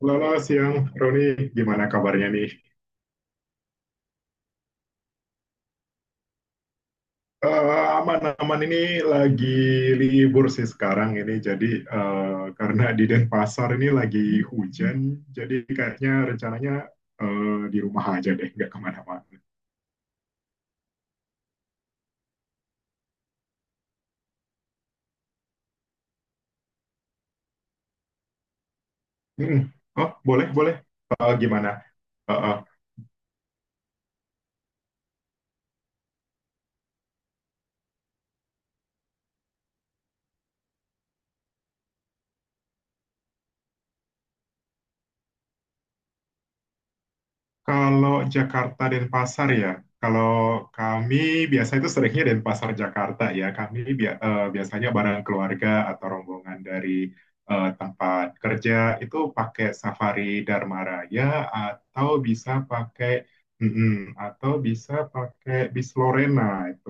Selamat siang, Roni. Gimana kabarnya nih? Aman-aman ini lagi libur sih sekarang ini. Jadi karena di Denpasar ini lagi hujan, jadi kayaknya rencananya di rumah aja deh, nggak kemana-mana. Mm-mm. Oh, boleh, boleh. Gimana? Eh, eh, Kalau Jakarta Denpasar ya, kalau kami biasa itu seringnya Denpasar Jakarta ya. Kami biasanya bareng keluarga atau rombongan dari tempat kerja itu pakai Safari Dharma Raya, atau bisa pakai mm-mm, atau bisa pakai bis Lorena itu.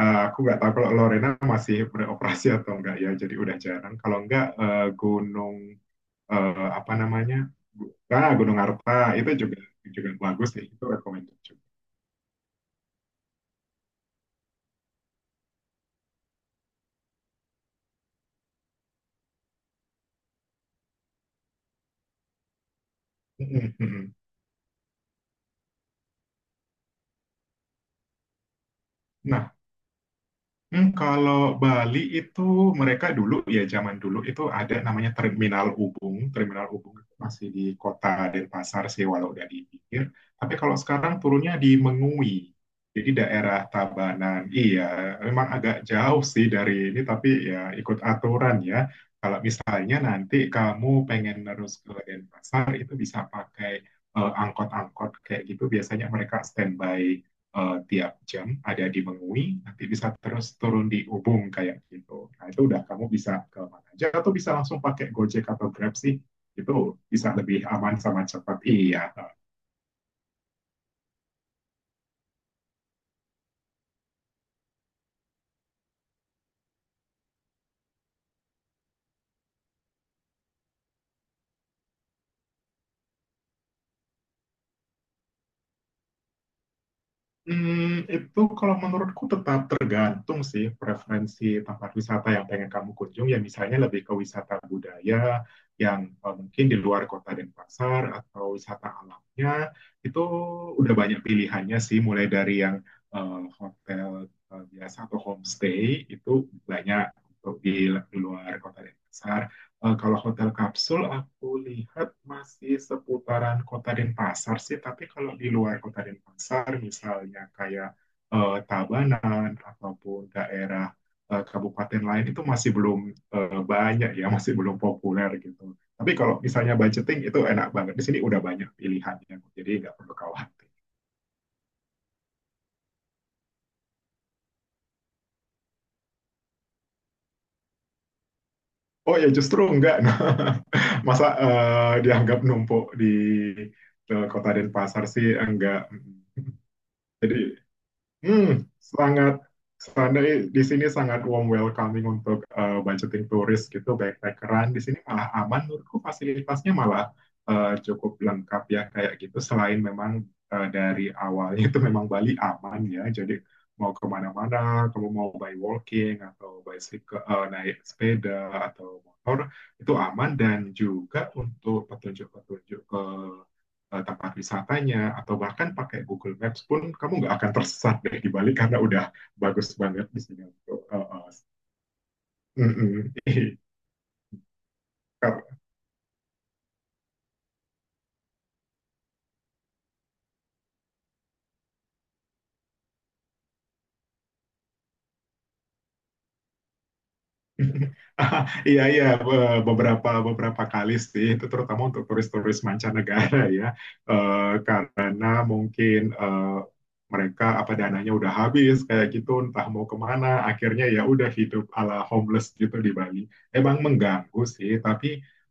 Aku nggak tahu kalau Lorena masih beroperasi atau enggak ya. Jadi udah jarang. Kalau enggak Gunung eh, apa namanya Gu- ah, Gunung Arta itu juga juga bagus ya, itu recommended juga. Mm-mm, mm-mm. Nah, kalau Bali itu, mereka dulu ya zaman dulu itu ada namanya Terminal Ubung. Terminal Ubung itu masih di kota Denpasar sih walau udah di pinggir. Tapi kalau sekarang turunnya di Mengui. Jadi daerah Tabanan. Iya, memang agak jauh sih dari ini, tapi ya ikut aturan ya. Kalau misalnya nanti kamu pengen terus ke Denpasar itu bisa pakai angkot-angkot kayak gitu, biasanya mereka standby tiap jam ada di Mengwi, nanti bisa terus turun di Ubung kayak gitu. Nah, itu udah kamu bisa ke mana aja atau bisa langsung pakai Gojek atau Grab sih. Itu bisa lebih aman sama cepat. Iya, itu kalau menurutku tetap tergantung sih preferensi tempat wisata yang pengen kamu kunjung. Ya misalnya lebih ke wisata budaya yang mungkin di luar kota Denpasar, atau wisata alamnya itu udah banyak pilihannya sih. Mulai dari yang hotel biasa atau homestay itu banyak untuk di luar kota Denpasar. Kalau hotel kapsul aku lihat masih seputaran Kota Denpasar sih, tapi kalau di luar Kota Denpasar misalnya kayak Tabanan ataupun daerah kabupaten lain itu masih belum banyak ya, masih belum populer gitu. Tapi kalau misalnya budgeting itu enak banget. Di sini udah banyak pilihannya, jadi nggak perlu khawatir. Oh ya justru enggak. Nah, masa dianggap numpuk di Kota Denpasar sih enggak. Jadi Hmm, sangat sana di sini sangat warm welcoming untuk budgeting turis gitu, backpackeran. Di sini malah aman, menurutku fasilitasnya malah cukup lengkap ya kayak gitu. Selain memang dari awalnya itu memang Bali aman ya, jadi mau kemana-mana, kamu mau by walking atau by naik sepeda atau motor itu aman, dan juga untuk petunjuk-petunjuk ke tempat wisatanya atau bahkan pakai Google Maps pun kamu nggak akan tersesat deh di Bali karena udah bagus banget di sini untuk mm-mm. Iya, iya, iya, be- beberapa beberapa kali sih, itu terutama untuk turis-turis mancanegara ya, karena mungkin mereka apa dananya udah habis kayak gitu, entah mau kemana, akhirnya ya udah hidup ala homeless gitu di Bali. Emang mengganggu sih, tapi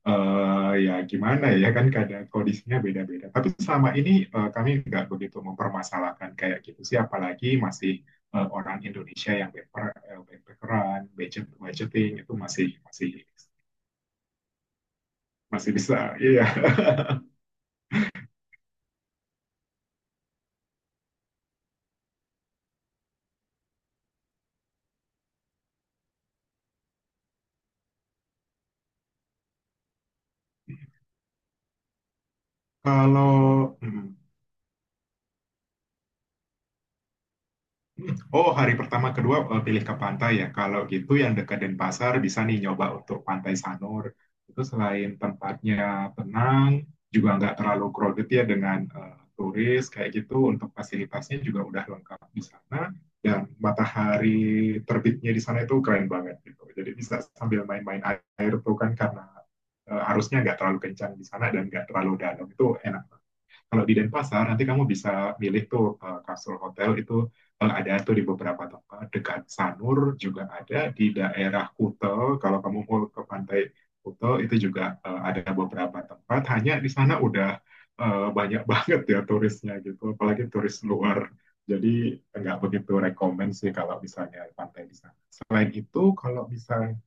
ya gimana ya kan kadang kondisinya beda-beda. Tapi selama ini kami nggak begitu mempermasalahkan kayak gitu sih, apalagi masih orang Indonesia yang backpack, budget, budgeting itu masih masih masih bisa. Iya. Kalau hmm. Oh, hari pertama kedua pilih ke pantai ya. Kalau gitu yang dekat Denpasar bisa nih nyoba untuk Pantai Sanur. Itu selain tempatnya tenang, juga nggak terlalu crowded ya dengan turis kayak gitu. Untuk fasilitasnya juga udah lengkap di sana. Dan matahari terbitnya di sana itu keren banget gitu. Jadi bisa sambil main-main air tuh kan, karena arusnya nggak terlalu kencang di sana dan nggak terlalu dalam itu enak. Kalau di Denpasar nanti kamu bisa milih tuh kapsul hotel itu, ada tuh di beberapa tempat dekat Sanur, juga ada di daerah Kuta. Kalau kamu mau ke pantai Kuta itu juga ada beberapa tempat, hanya di sana udah banyak banget ya turisnya gitu, apalagi turis luar, jadi nggak begitu rekomend sih kalau misalnya pantai di sana. Selain itu, kalau misalnya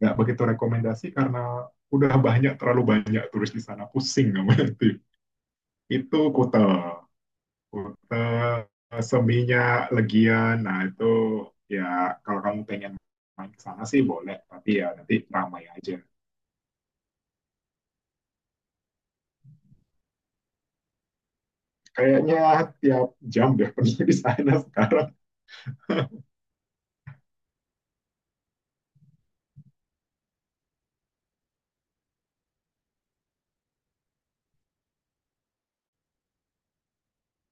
nggak begitu rekomendasi karena udah banyak terlalu banyak turis di sana, pusing namanya. Itu Kuta, Kuta seminya Legian, nah itu ya kalau kamu pengen main ke sana sih boleh, tapi ya nanti ramai aja. Kayaknya tiap jam deh pergi di sana sekarang.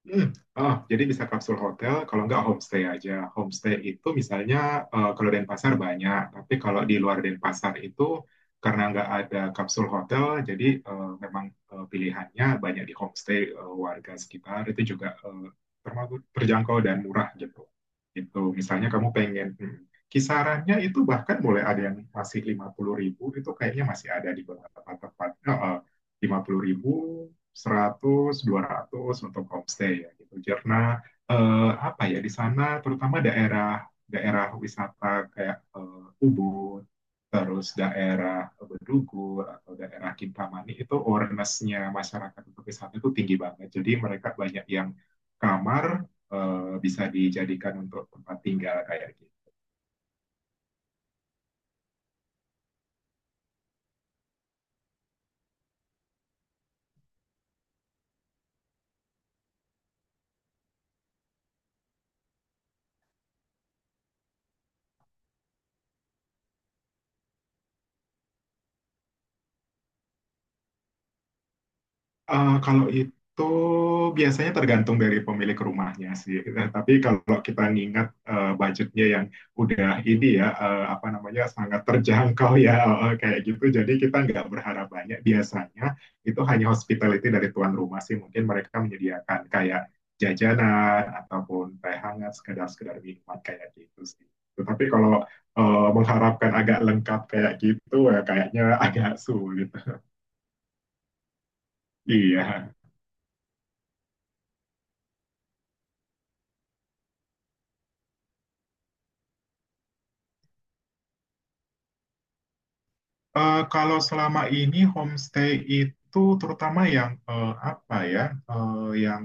Hmm, jadi bisa kapsul hotel, kalau nggak homestay aja. Homestay itu misalnya kalau Denpasar banyak, tapi kalau di luar Denpasar itu karena nggak ada kapsul hotel, jadi memang pilihannya banyak di homestay, warga sekitar itu juga termasuk terjangkau dan murah gitu. Itu misalnya kamu pengen kisarannya itu bahkan mulai ada yang masih 50.000. Itu kayaknya masih ada di beberapa tempat. 50.000, 100, 200 untuk homestay ya gitu. Karena apa ya, di sana terutama daerah daerah wisata kayak Ubud, terus daerah Bedugul atau daerah Kintamani itu awareness-nya masyarakat untuk wisata itu tinggi banget. Jadi mereka banyak yang kamar bisa dijadikan untuk tempat tinggal kayak gitu. Kalau itu biasanya tergantung dari pemilik rumahnya sih. Tapi kalau kita ngingat budgetnya yang udah ini ya, apa namanya, sangat terjangkau ya, kayak gitu. Jadi kita nggak berharap banyak. Biasanya itu hanya hospitality dari tuan rumah sih. Mungkin mereka menyediakan kayak jajanan ataupun teh hangat, sekedar-sekedar minuman kayak gitu sih. Tetapi kalau mengharapkan agak lengkap kayak gitu, ya kayaknya agak sulit. Iya. Kalau selama ini homestay itu terutama yang apa ya, eh, yang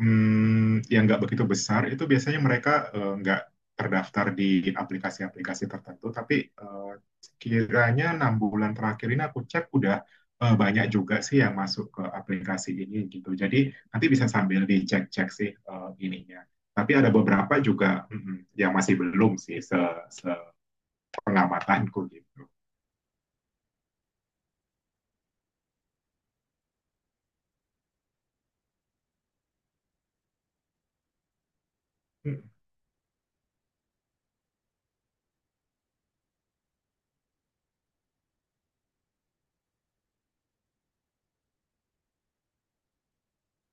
yang nggak begitu besar itu biasanya mereka nggak terdaftar di aplikasi-aplikasi tertentu. Tapi eh, kiranya 6 bulan terakhir ini aku cek udah banyak juga sih yang masuk ke aplikasi ini gitu. Jadi nanti bisa sambil dicek-cek sih ininya. Tapi ada beberapa juga yang masih belum sih se pengamatanku gitu.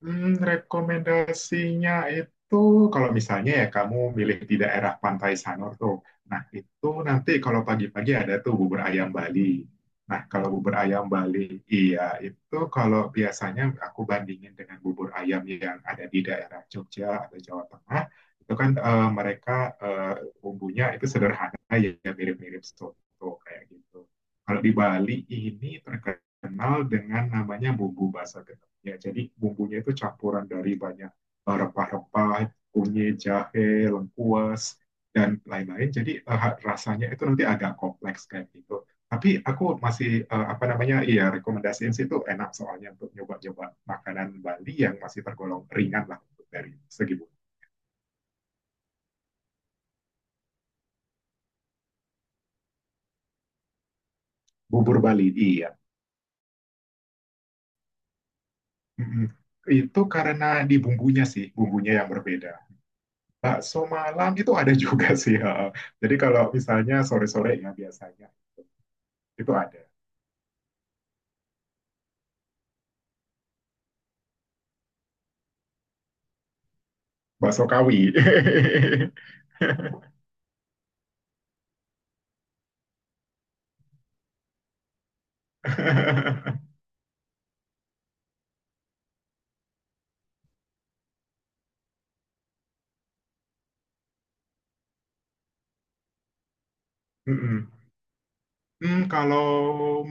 Rekomendasinya itu kalau misalnya ya kamu milih di daerah Pantai Sanur tuh. Nah, itu nanti kalau pagi-pagi ada tuh bubur ayam Bali. Nah, kalau bubur ayam Bali, iya itu kalau biasanya aku bandingin dengan bubur ayam yang ada di daerah Jogja atau Jawa Tengah, itu kan mereka eh, bumbunya itu sederhana ya, ya mirip-mirip soto kayak gitu. Kalau di Bali ini terkenal dengan namanya bumbu basah ya, jadi bumbunya itu campuran dari banyak rempah-rempah, kunyit, jahe, lengkuas dan lain-lain, jadi rasanya itu nanti agak kompleks kayak gitu, tapi aku masih apa namanya iya rekomendasiin sih, itu enak soalnya, untuk nyoba-nyoba makanan Bali yang masih tergolong ringan lah untuk dari segi bubur Bali, iya. Mm-mm. Itu karena di bumbunya sih, bumbunya yang berbeda. Bakso malam itu ada juga sih. Jadi kalau misalnya sore-sore ya biasanya itu ada. Bakso kawi. Mm-mm. Kalau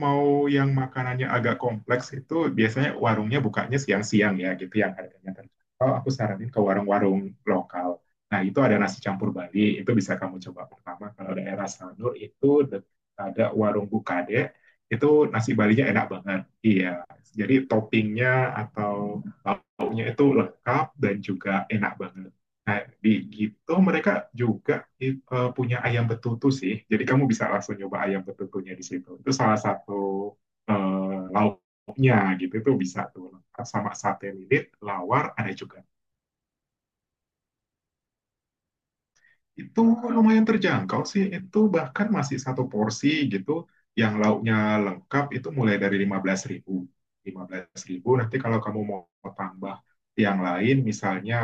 mau yang makanannya agak kompleks itu biasanya warungnya bukanya siang-siang ya gitu, yang harganya terjangkau. Aku saranin ke warung-warung lokal. Nah, itu ada nasi campur Bali, itu bisa kamu coba pertama. Kalau daerah Sanur itu ada warung Bukade, itu nasi Balinya enak banget. Iya, jadi toppingnya atau lauknya itu lengkap dan juga enak banget. Nah, di gitu mereka juga punya ayam betutu sih. Jadi kamu bisa langsung nyoba ayam betutunya di situ. Itu salah satu lauknya gitu. Itu bisa tuh lengkap sama sate lilit, lawar ada juga. Itu lumayan terjangkau sih. Itu bahkan masih satu porsi gitu yang lauknya lengkap itu mulai dari lima lima belas ribu nanti, kalau kamu mau tambah yang lain misalnya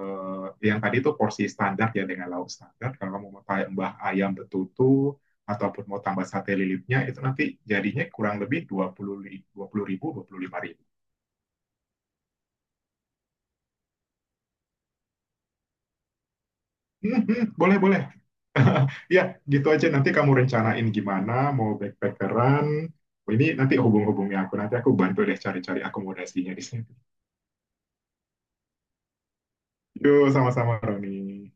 eh, yang tadi itu porsi standar ya dengan lauk standar. Kalau kamu mau tambah ayam betutu ataupun mau tambah sate lilitnya itu nanti jadinya kurang lebih 20 ribu, 25.000. Boleh, boleh. Ya, gitu aja. Nanti kamu rencanain gimana mau backpackeran. Ini nanti hubung-hubungnya aku. Nanti aku bantu deh cari-cari akomodasinya di sini. Yuk, sama-sama, Roni.